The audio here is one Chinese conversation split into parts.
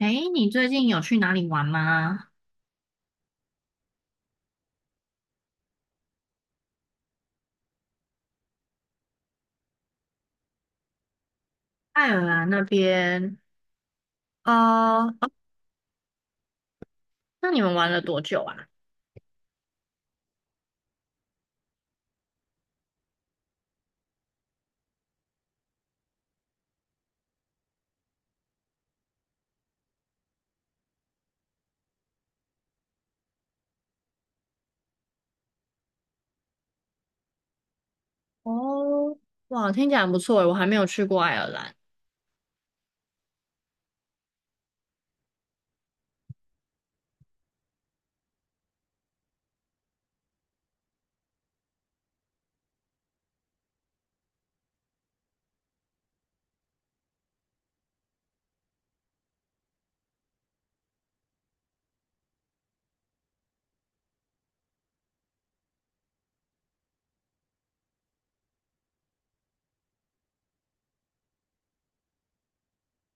哎，你最近有去哪里玩吗？爱尔兰那边，啊？哦那你们玩了多久啊？哦，哇，听起来很不错诶，我还没有去过爱尔兰。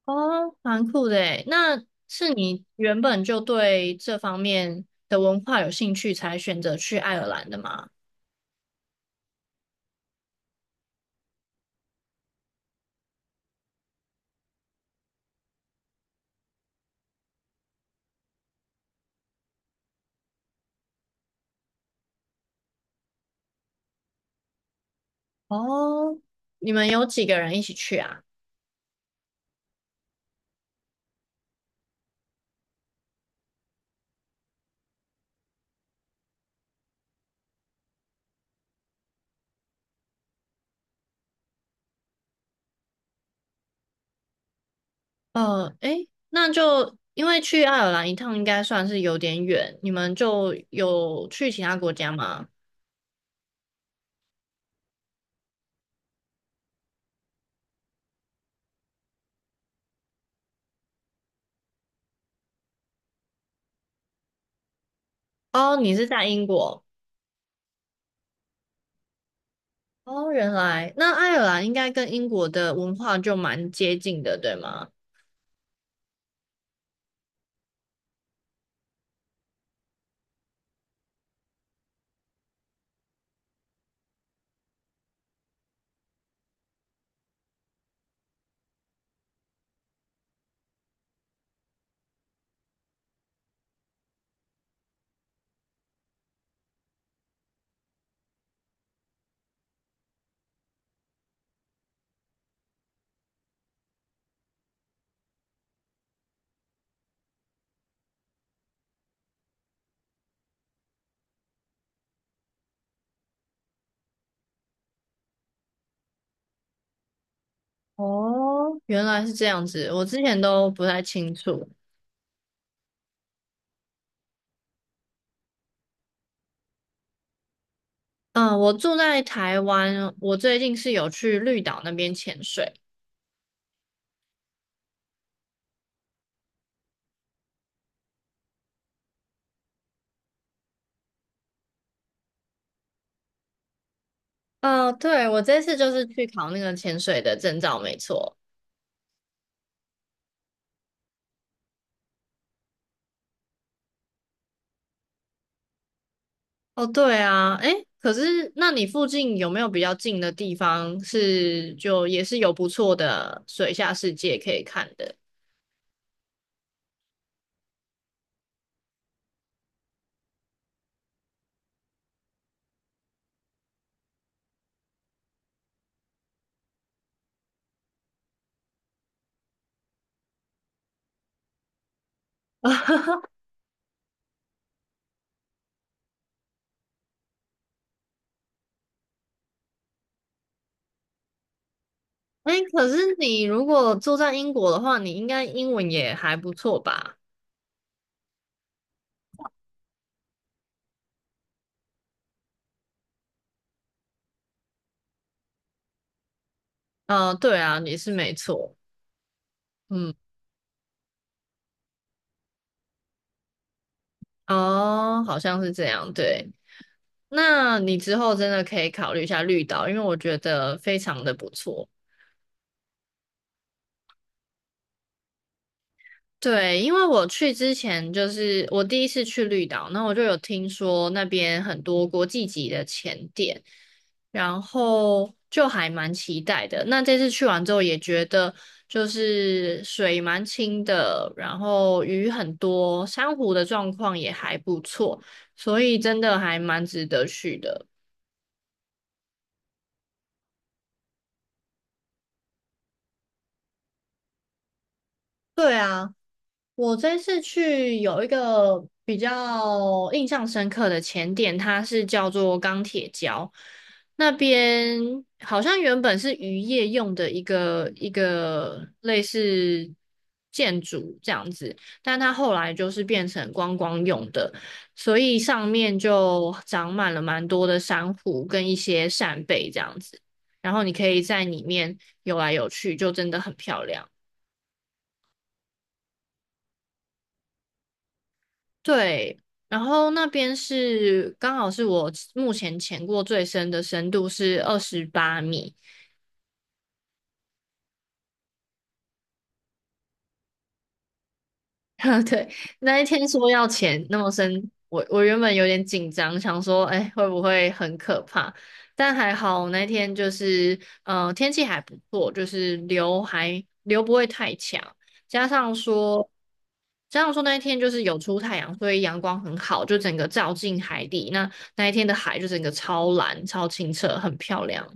哦，蛮酷的诶，那是你原本就对这方面的文化有兴趣，才选择去爱尔兰的吗？哦，你们有几个人一起去啊？诶，那就因为去爱尔兰一趟应该算是有点远，你们就有去其他国家吗？哦，你是在英国哦，原来那爱尔兰应该跟英国的文化就蛮接近的，对吗？哦，原来是这样子，我之前都不太清楚。嗯，我住在台湾，我最近是有去绿岛那边潜水。哦，对，我这次就是去考那个潜水的证照，没错。哦，对啊，诶，可是那你附近有没有比较近的地方是就也是有不错的水下世界可以看的？哎，可是你如果住在英国的话，你应该英文也还不错吧？对啊，你是没错。嗯，哦，好像是这样。对，那你之后真的可以考虑一下绿岛，因为我觉得非常的不错。对，因为我去之前就是我第一次去绿岛，那我就有听说那边很多国际级的潜点，然后就还蛮期待的。那这次去完之后也觉得就是水蛮清的，然后鱼很多，珊瑚的状况也还不错，所以真的还蛮值得去的。对啊。我这次去有一个比较印象深刻的前点，它是叫做钢铁礁。那边好像原本是渔业用的一个类似建筑这样子，但它后来就是变成观光用的，所以上面就长满了蛮多的珊瑚跟一些扇贝这样子，然后你可以在里面游来游去，就真的很漂亮。对，然后那边是刚好是我目前潜过最深的深度是28米，对，那一天说要钱那么深，我原本有点紧张，想说，哎，会不会很可怕？但还好那天就是，天气还不错，就是流还流不会太强，加上说，加上说那一天就是有出太阳，所以阳光很好，就整个照进海底，那那一天的海就整个超蓝、超清澈，很漂亮。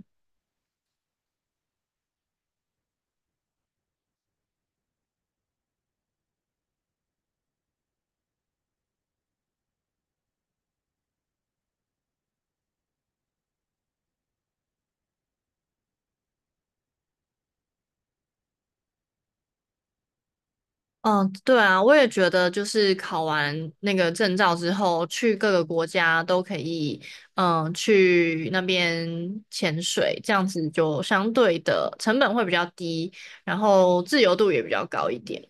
嗯，对啊，我也觉得，就是考完那个证照之后，去各个国家都可以，嗯，去那边潜水，这样子就相对的成本会比较低，然后自由度也比较高一点。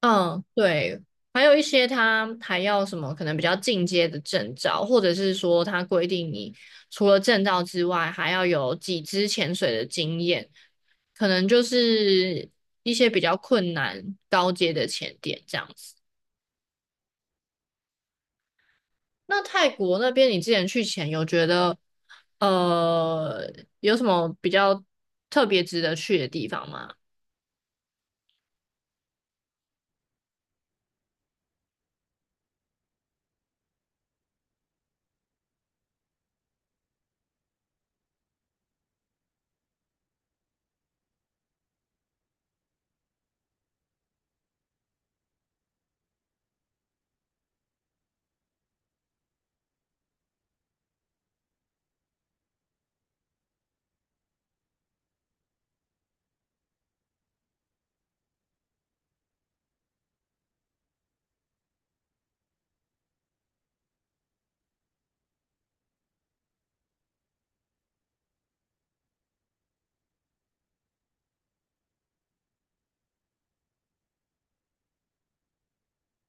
嗯，对，还有一些他还要什么可能比较进阶的证照，或者是说他规定你除了证照之外，还要有几支潜水的经验，可能就是一些比较困难高阶的潜点这样子。那泰国那边你之前去潜有觉得呃有什么比较特别值得去的地方吗？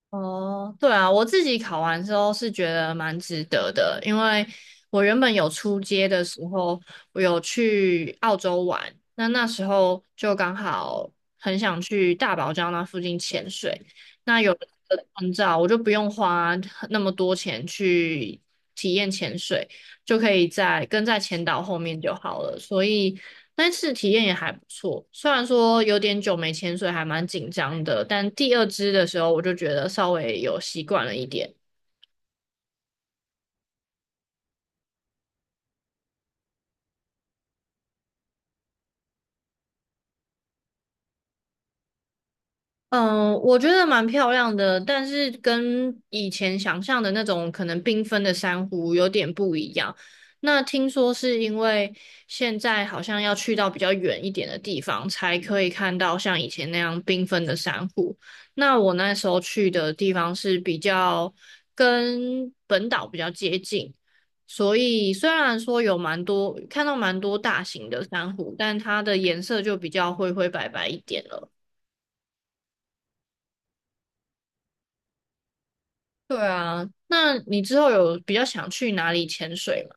哦，对啊，我自己考完之后是觉得蛮值得的，因为我原本有出街的时候，我有去澳洲玩，那那时候就刚好很想去大堡礁那附近潜水，那有了这个证照，我就不用花那么多钱去体验潜水，就可以在跟在前导后面就好了。所以那次体验也还不错，虽然说有点久没潜水，还蛮紧张的，但第二支的时候我就觉得稍微有习惯了一点。嗯，我觉得蛮漂亮的，但是跟以前想象的那种可能缤纷的珊瑚有点不一样。那听说是因为现在好像要去到比较远一点的地方，才可以看到像以前那样缤纷的珊瑚。那我那时候去的地方是比较跟本岛比较接近，所以虽然说有蛮多看到蛮多大型的珊瑚，但它的颜色就比较灰灰白白一点了。对啊，那你之后有比较想去哪里潜水吗？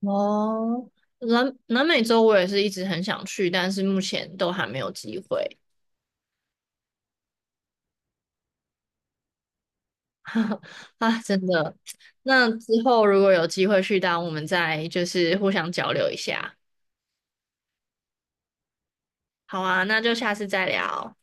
哦，南美洲我也是一直很想去，但是目前都还没有机会。啊，真的。那之后如果有机会去到，我们再就是互相交流一下。好啊，那就下次再聊。